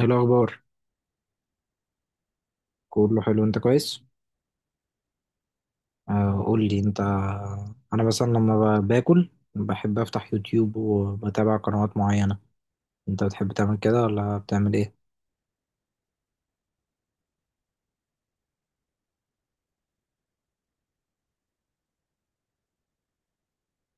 ايه الاخبار؟ كله حلو، انت كويس؟ قول لي انت. انا مثلا لما باكل بحب افتح يوتيوب وبتابع قنوات معينة. انت بتحب تعمل كده ولا بتعمل ايه؟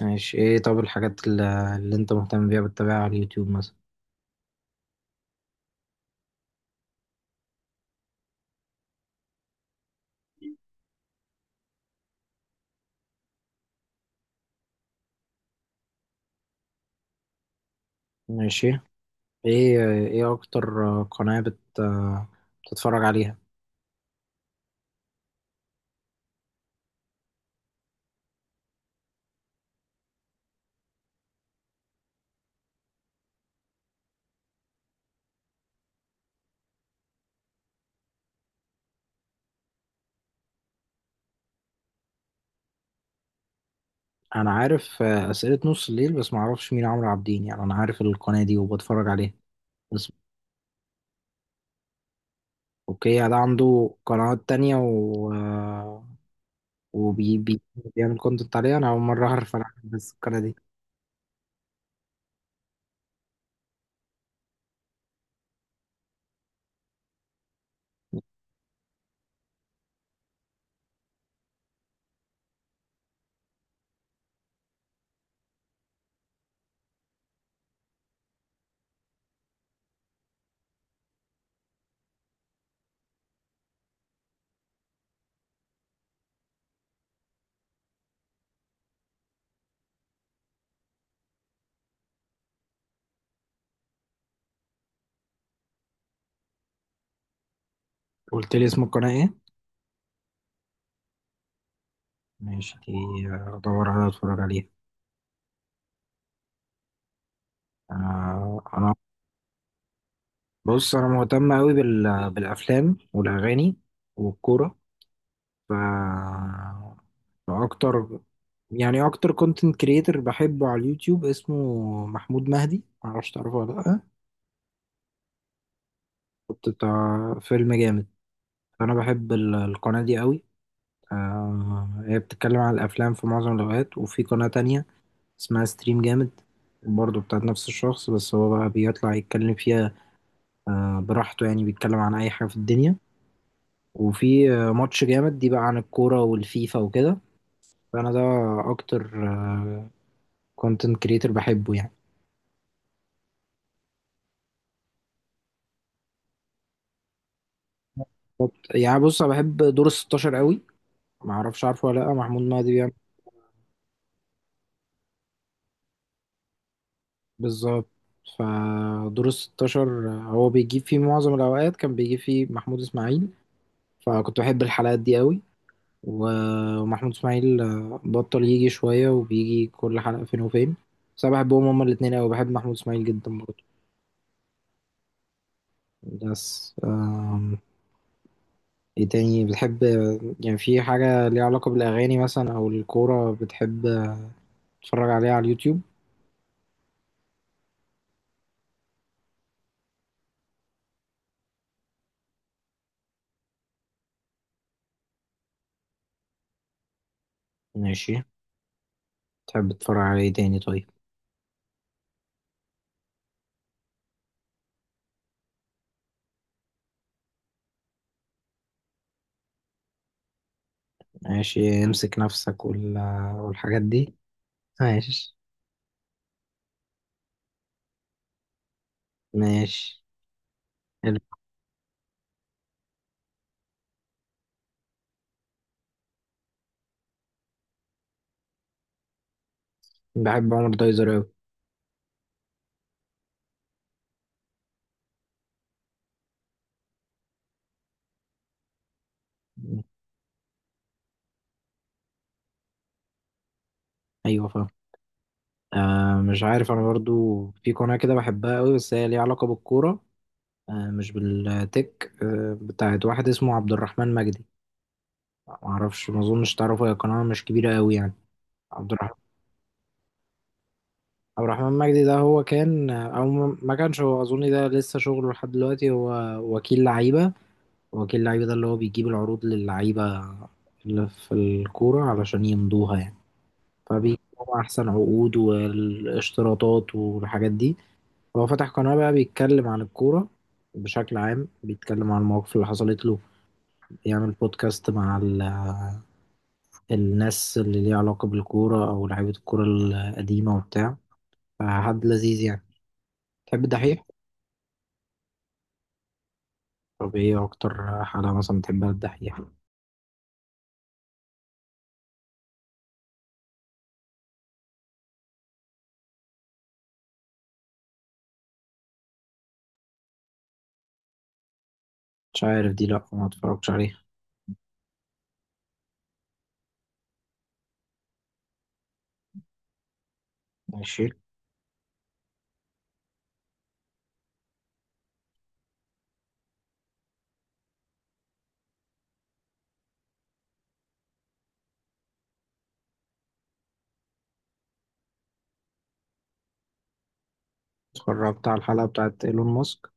ماشي، ايه؟ طب الحاجات اللي انت مهتم بيها بتتابعها على اليوتيوب مثلا؟ ماشي. ايه اكتر قناة بتتفرج عليها؟ انا عارف اسئلة نص الليل، بس ما اعرفش مين عمرو عابدين. يعني انا عارف القناة دي وبتفرج عليها بس. اوكي، يعني ده عنده قنوات تانية وبيعمل كونتنت عليها. انا اول مره اعرف، انا عارف بس القناه دي. قلت لي اسم القناه ايه؟ ماشي دي، ادور عليها اتفرج عليها. انا بص، انا مهتم قوي بالافلام والاغاني والكوره. ف فاكتر، يعني اكتر كونتنت كريتور بحبه على اليوتيوب اسمه محمود مهدي، معرفش تعرفه ولا لا. كنت بتاع فيلم جامد، فانا بحب القناه دي قوي. هي بتتكلم عن الافلام في معظم الاوقات. وفي قناه تانية اسمها ستريم جامد، برضه بتاعت نفس الشخص، بس هو بقى بيطلع يتكلم فيها براحته، يعني بيتكلم عن أي حاجة في الدنيا. وفي ماتش جامد دي بقى عن الكورة والفيفا وكده. فأنا ده أكتر كونتنت كريتور بحبه يعني. يعني بص، أنا بحب دور الستاشر قوي. معرفش عارفه ولا لأ، محمود مهدي بيعمل. بالظبط. فدور الستاشر هو بيجيب فيه، معظم الأوقات كان بيجيب فيه محمود إسماعيل، فكنت بحب الحلقات دي قوي. ومحمود اسماعيل بطل يجي شوية، وبيجي كل حلقة فين وفين. بس أنا بحبهم هما الاتنين أوي، بحب محمود اسماعيل جدا برضه. بس ايه تاني بتحب؟ يعني في حاجة ليها علاقة بالأغاني مثلا أو الكورة بتحب تتفرج عليها على اليوتيوب؟ ماشي. تحب تتفرج على ايه تاني طيب؟ ماشي، امسك نفسك والحاجات دي. ماشي. ماشي. حلو. بحب عمر دايزر أوي. أيوة فاهم. آه مش عارف، انا برضو في قناة كده بحبها قوي بس هي ليها علاقة بالكورة. آه مش بالتك، آه، بتاعت واحد اسمه عبد الرحمن مجدي. معرفش، ما اظنش تعرفه، هي قناة مش كبيرة قوي يعني. عبد الرحمن. عبد الرحمن مجدي ده، هو كان ما كانش، هو اظن ده لسه شغله لحد دلوقتي، هو وكيل لعيبة. وكيل لعيبة ده اللي هو بيجيب العروض للعيبة اللي في الكورة علشان يمضوها يعني، فبيجيبوا احسن عقود والاشتراطات والحاجات دي. هو فتح قناة بقى بيتكلم عن الكورة بشكل عام، بيتكلم عن المواقف اللي حصلت له، يعمل بودكاست مع الناس اللي ليها علاقة بالكورة أو لعيبة الكورة القديمة وبتاع. فحد لذيذ يعني. تحب الدحيح؟ طب ايه أكتر حلقة مثلا بتحبها الدحيح؟ مش عارف دي، لأ، ما اتفرجتش عليها. ماشي. اتفرجت على الحلقة بتاعت إيلون ماسك.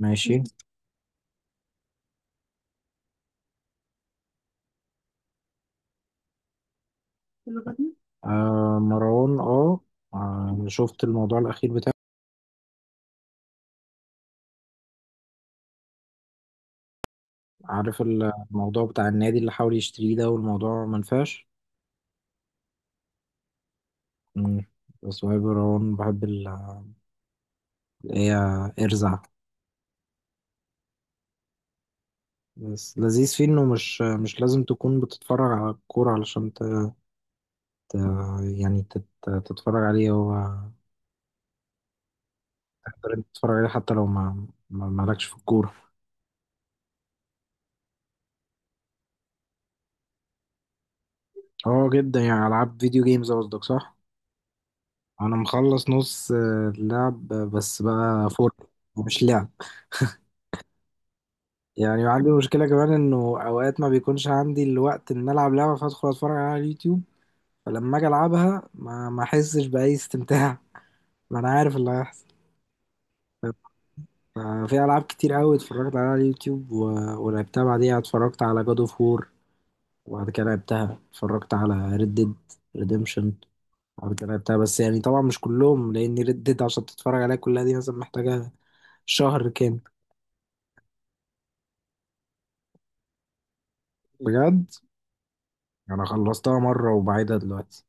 ماشي. آه مروان، اه. شفت الموضوع الأخير بتاعه؟ عارف الموضوع بتاع النادي اللي حاول يشتريه ده والموضوع منفعش؟ مم. اسماعيل براون، بحب اللي هي ارزع. بس لذيذ فيه انه مش لازم تكون بتتفرج على الكورة علشان ت- يعني تتفرج عليه هو. تقدر انت تتفرج عليه حتى لو مالكش في الكورة. اه جدا، يعني العاب فيديو جيمز قصدك صح؟ انا مخلص نص اللعب بس بقى فور. مش لعب. يعني عندي مشكلة كمان انه اوقات ما بيكونش عندي الوقت ان العب لعبة، فادخل اتفرج على اليوتيوب، فلما اجي العبها ما احسش باي استمتاع. ما انا عارف اللي هيحصل. ف- في العاب كتير قوي اتفرجت عليها على اليوتيوب ولعبتها بعديها. اتفرجت على جاد اوف وور وبعد كده لعبتها. اتفرجت على ريد ديد ريديمشن بعد كده لعبتها، بس يعني طبعا مش كلهم، لان ريد ديد عشان تتفرج عليها كلها دي مثلا محتاجة شهر كامل. بجد، انا خلصتها مرة وبعيدها دلوقتي.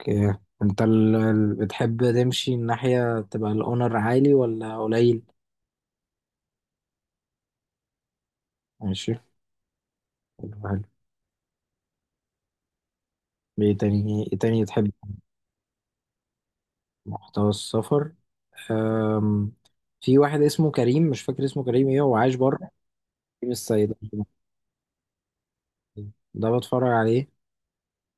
اوكي، انت بتحب تمشي الناحية تبقى الاونر عالي ولا قليل؟ ماشي. ايه تاني تحب؟ محتوى السفر. أم... في واحد اسمه كريم، مش فاكر اسمه كريم ايه، هو عايش بره. كريم الصياد ده بتفرج عليه.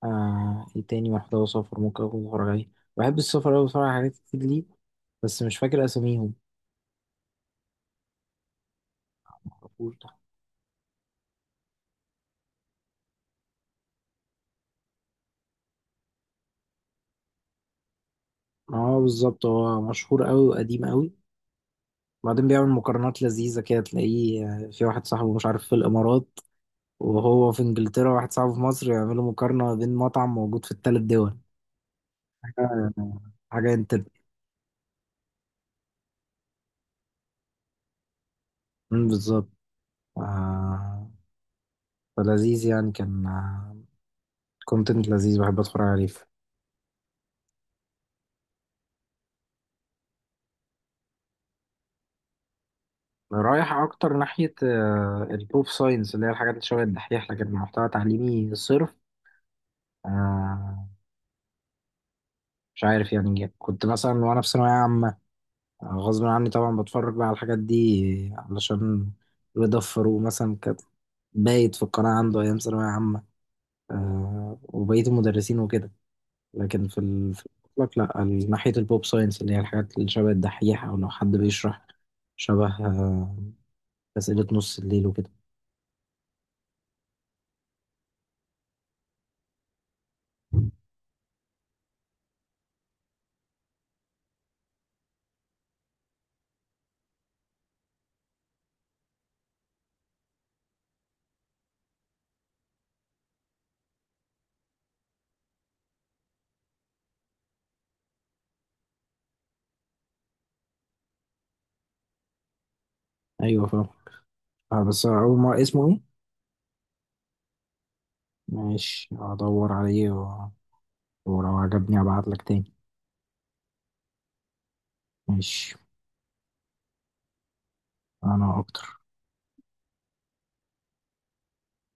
ايه تاني محتوى سفر ممكن اكون بتفرج عليه. بحب السفر اوي، بتفرج على حاجات كتير ليه بس مش فاكر اساميهم. معرفوش ده. اه بالظبط، هو مشهور اوي وقديم اوي. بعدين بيعمل مقارنات لذيذة كده، تلاقيه في واحد صاحبه مش عارف في الإمارات، وهو في إنجلترا، واحد صاحبه في مصر، يعملوا مقارنة بين مطعم موجود في الثلاث دول. آه، حاجة انت. مم، بالظبط. آه، فلذيذ يعني، كان كونتنت لذيذ بحب اتفرج عليه. رايح اكتر ناحية البوب ساينس، اللي هي الحاجات اللي شبه الدحيح، لكن محتوى تعليمي صرف. آه، مش عارف يعني، كنت مثلا وانا في ثانوية عامة غصب عني طبعا بتفرج بقى على الحاجات دي علشان رضا فاروق مثلا كان بايت في القناة، عنده أيام ثانوية عامة وبقية المدرسين وكده. لكن في في المطلق، لا، ناحية البوب ساينس اللي هي الحاجات اللي شبه الدحيح، أو لو حد بيشرح شبه أسئلة نص الليل وكده. أيوة فاهم. بس أول ما اسمه إيه؟ ماشي، هدور عليه ولو عجبني أبعتلك تاني. ماشي. أنا أكتر.